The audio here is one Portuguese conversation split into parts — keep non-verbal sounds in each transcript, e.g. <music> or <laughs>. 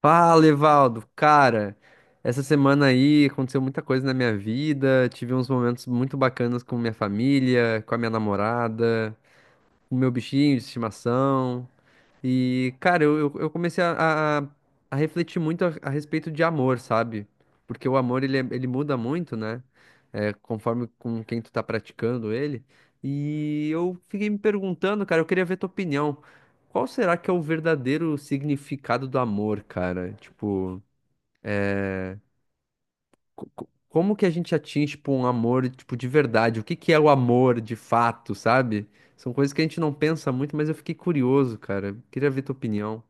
Fala, Evaldo. Cara, essa semana aí aconteceu muita coisa na minha vida. Tive uns momentos muito bacanas com minha família, com a minha namorada, com o meu bichinho de estimação. E, cara, eu comecei a refletir muito a respeito de amor, sabe? Porque o amor, ele muda muito, né? É, conforme com quem tu tá praticando ele. E eu fiquei me perguntando, cara, eu queria ver tua opinião. Qual será que é o verdadeiro significado do amor, cara? Tipo, como que a gente atinge, tipo, um amor, tipo, de verdade? O que que é o amor de fato, sabe? São coisas que a gente não pensa muito, mas eu fiquei curioso, cara. Queria ver tua opinião.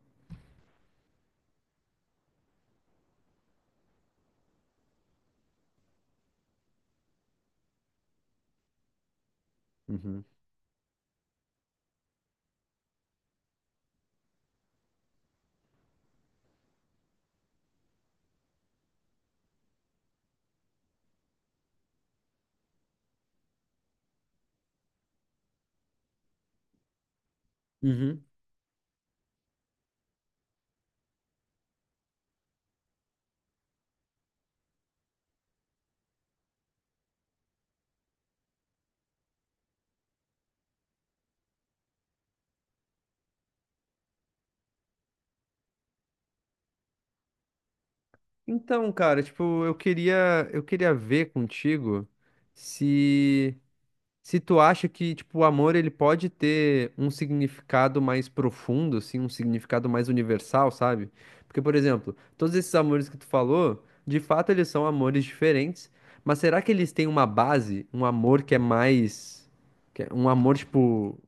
Uhum. Uhum. Então, cara, tipo, eu queria ver contigo se se tu acha que, tipo, o amor ele pode ter um significado mais profundo, assim, um significado mais universal, sabe? Porque, por exemplo, todos esses amores que tu falou, de fato eles são amores diferentes, mas será que eles têm uma base, um amor que é mais que é um amor tipo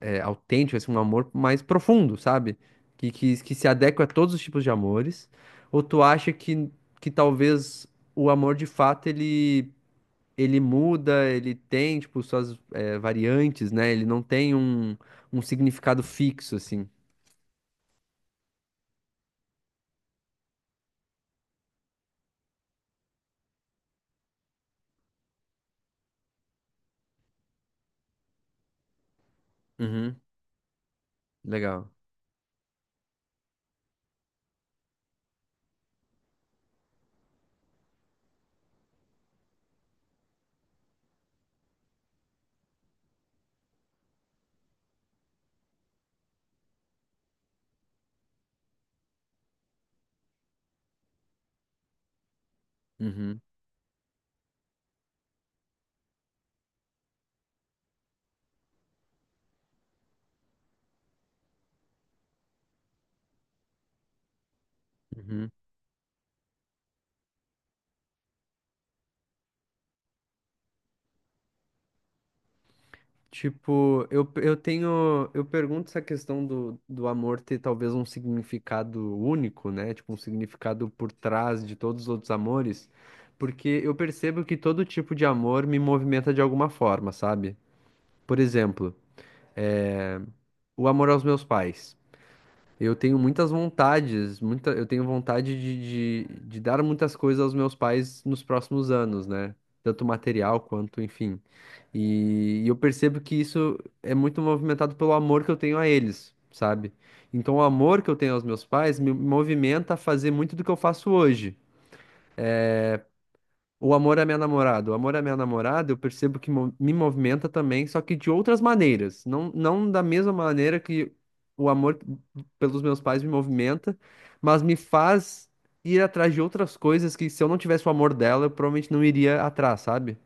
é, autêntico, assim, um amor mais profundo, sabe? Que se adequa a todos os tipos de amores? Ou tu acha que talvez o amor de fato ele, ele muda, ele tem, tipo, suas é, variantes, né? Ele não tem um, um significado fixo, assim. Uhum, legal. Uhum, uhum. Tipo, eu tenho. Eu pergunto essa questão do, do amor ter talvez um significado único, né? Tipo, um significado por trás de todos os outros amores, porque eu percebo que todo tipo de amor me movimenta de alguma forma, sabe? Por exemplo, é, o amor aos meus pais. Eu tenho muitas vontades, muita, eu tenho vontade de dar muitas coisas aos meus pais nos próximos anos, né? Tanto material quanto, enfim. E eu percebo que isso é muito movimentado pelo amor que eu tenho a eles, sabe? Então, o amor que eu tenho aos meus pais me movimenta a fazer muito do que eu faço hoje. O amor à minha namorada. O amor à minha namorada, eu percebo que me movimenta também, só que de outras maneiras. Não, não da mesma maneira que o amor pelos meus pais me movimenta, mas me faz ir atrás de outras coisas que se eu não tivesse o amor dela, eu provavelmente não iria atrás, sabe?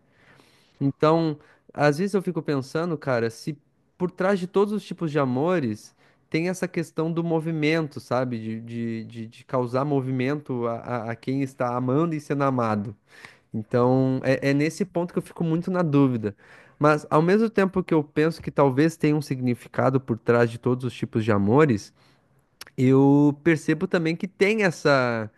Então, às vezes eu fico pensando, cara, se por trás de todos os tipos de amores tem essa questão do movimento, sabe? De causar movimento a, a quem está amando e sendo amado. Então, é nesse ponto que eu fico muito na dúvida. Mas, ao mesmo tempo que eu penso que talvez tenha um significado por trás de todos os tipos de amores, eu percebo também que tem essa.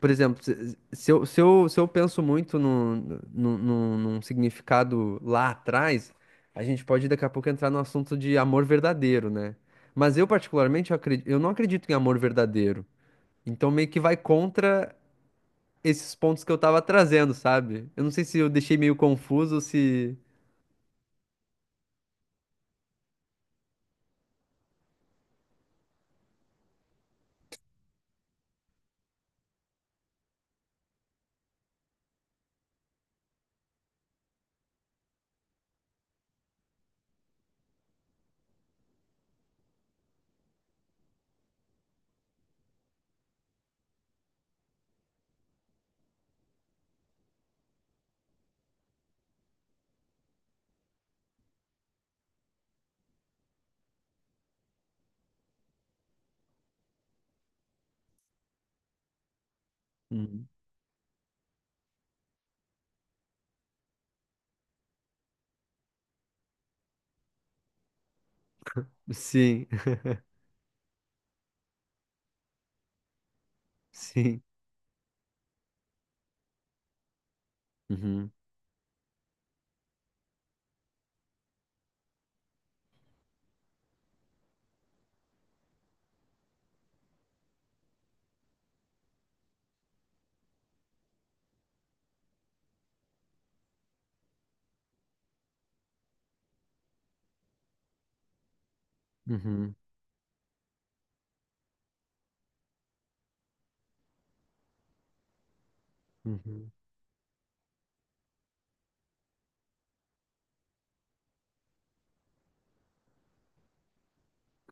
Por exemplo, se eu penso muito num significado lá atrás, a gente pode daqui a pouco entrar no assunto de amor verdadeiro, né? Mas eu, particularmente, eu não acredito em amor verdadeiro. Então, meio que vai contra esses pontos que eu tava trazendo, sabe? Eu não sei se eu deixei meio confuso, ou se. Uhum. Sim. <laughs> Sim. Uhum, uhum, uhum.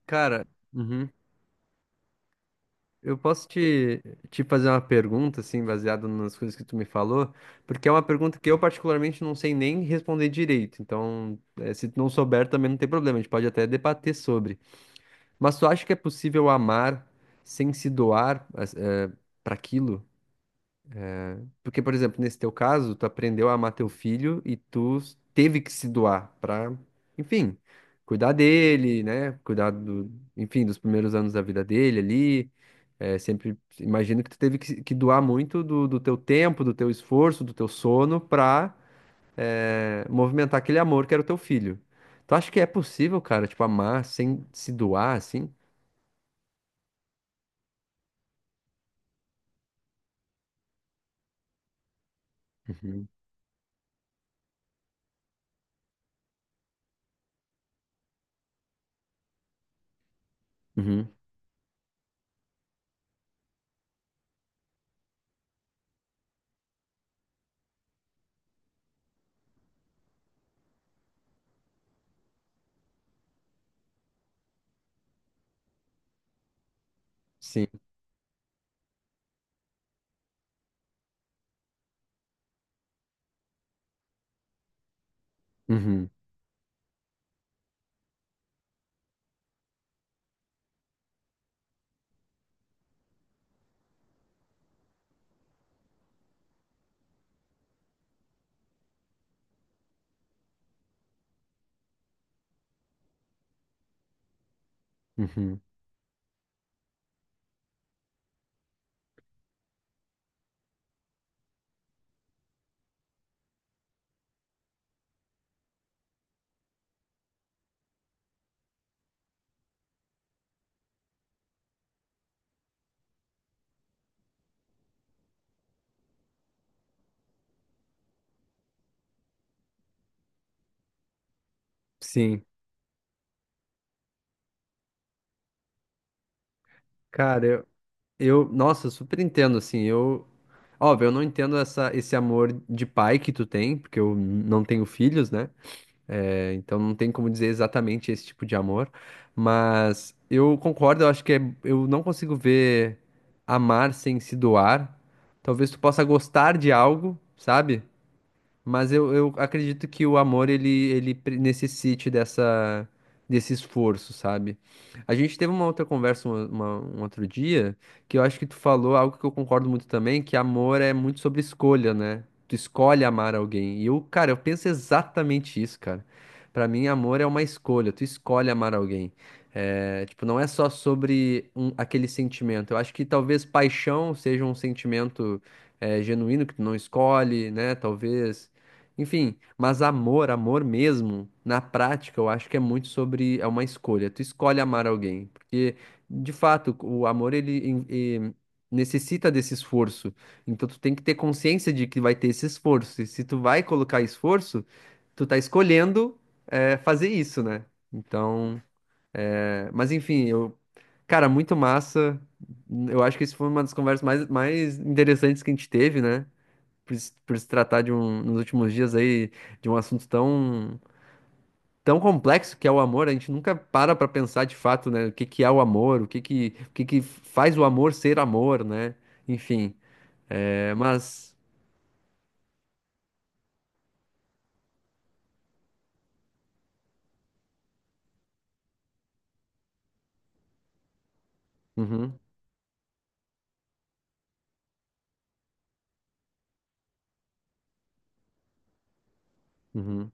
Cara, uhum. Eu posso te, te fazer uma pergunta, assim, baseada nas coisas que tu me falou, porque é uma pergunta que eu particularmente não sei nem responder direito. Então, se tu não souber, também não tem problema, a gente pode até debater sobre. Mas tu acha que é possível amar sem se doar, para aquilo? Porque, por exemplo, nesse teu caso, tu aprendeu a amar teu filho e teve que se doar pra, enfim, cuidar dele, né? Cuidar do, enfim, dos primeiros anos da vida dele ali. É, sempre imagino que tu teve que, que doar muito do, do teu tempo, do teu esforço, do teu sono pra, é, movimentar aquele amor que era o teu filho. Tu acha que é possível, cara, tipo, amar sem se doar, assim? Uhum. Uhum. Sim. Uhum. Uhum. Sim. Cara, eu, nossa, super entendo, assim, eu, óbvio, eu não entendo essa, esse amor de pai que tu tem, porque eu não tenho filhos, né? É, então não tem como dizer exatamente esse tipo de amor, mas eu concordo, eu acho que é, eu não consigo ver amar sem se doar. Talvez tu possa gostar de algo, sabe? Mas eu acredito que o amor ele necessite dessa, desse esforço, sabe? A gente teve uma outra conversa um outro dia que eu acho que tu falou algo que eu concordo muito também, que amor é muito sobre escolha, né? Tu escolhe amar alguém. E eu, cara, eu penso exatamente isso, cara. Pra mim, amor é uma escolha, tu escolhe amar alguém. É, tipo, não é só sobre aquele sentimento. Eu acho que talvez paixão seja um sentimento, é, genuíno que tu não escolhe, né? Talvez. Enfim, mas amor, amor mesmo, na prática, eu acho que é muito sobre, é uma escolha. Tu escolhe amar alguém, porque de fato, o amor ele necessita desse esforço. Então tu tem que ter consciência de que vai ter esse esforço. E se tu vai colocar esforço, tu tá escolhendo é, fazer isso, né? Então, é, mas enfim, eu, cara, muito massa. Eu acho que isso foi uma das conversas mais, mais interessantes que a gente teve, né? Por, se por se tratar de um, nos últimos dias aí, de um assunto tão, tão complexo que é o amor, a gente nunca para pra pensar de fato, né, o que que é o amor, o que que faz o amor ser amor, né? Enfim, é, mas... Uhum, uhum,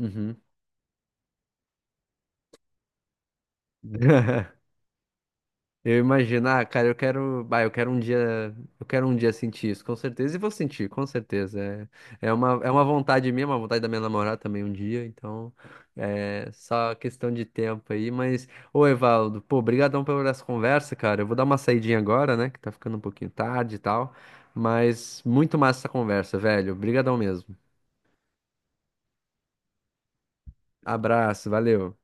uhum. <laughs> Eu imagino, ah, cara, eu quero, bah, eu quero um dia sentir isso, com certeza, e vou sentir, com certeza. É, é uma vontade minha, uma vontade da minha namorada também um dia, então é só questão de tempo aí, mas, ô Evaldo, pô, brigadão pela essa conversa, cara. Eu vou dar uma saidinha agora, né, que tá ficando um pouquinho tarde e tal, mas muito massa essa conversa, velho. Brigadão mesmo. Abraço, valeu.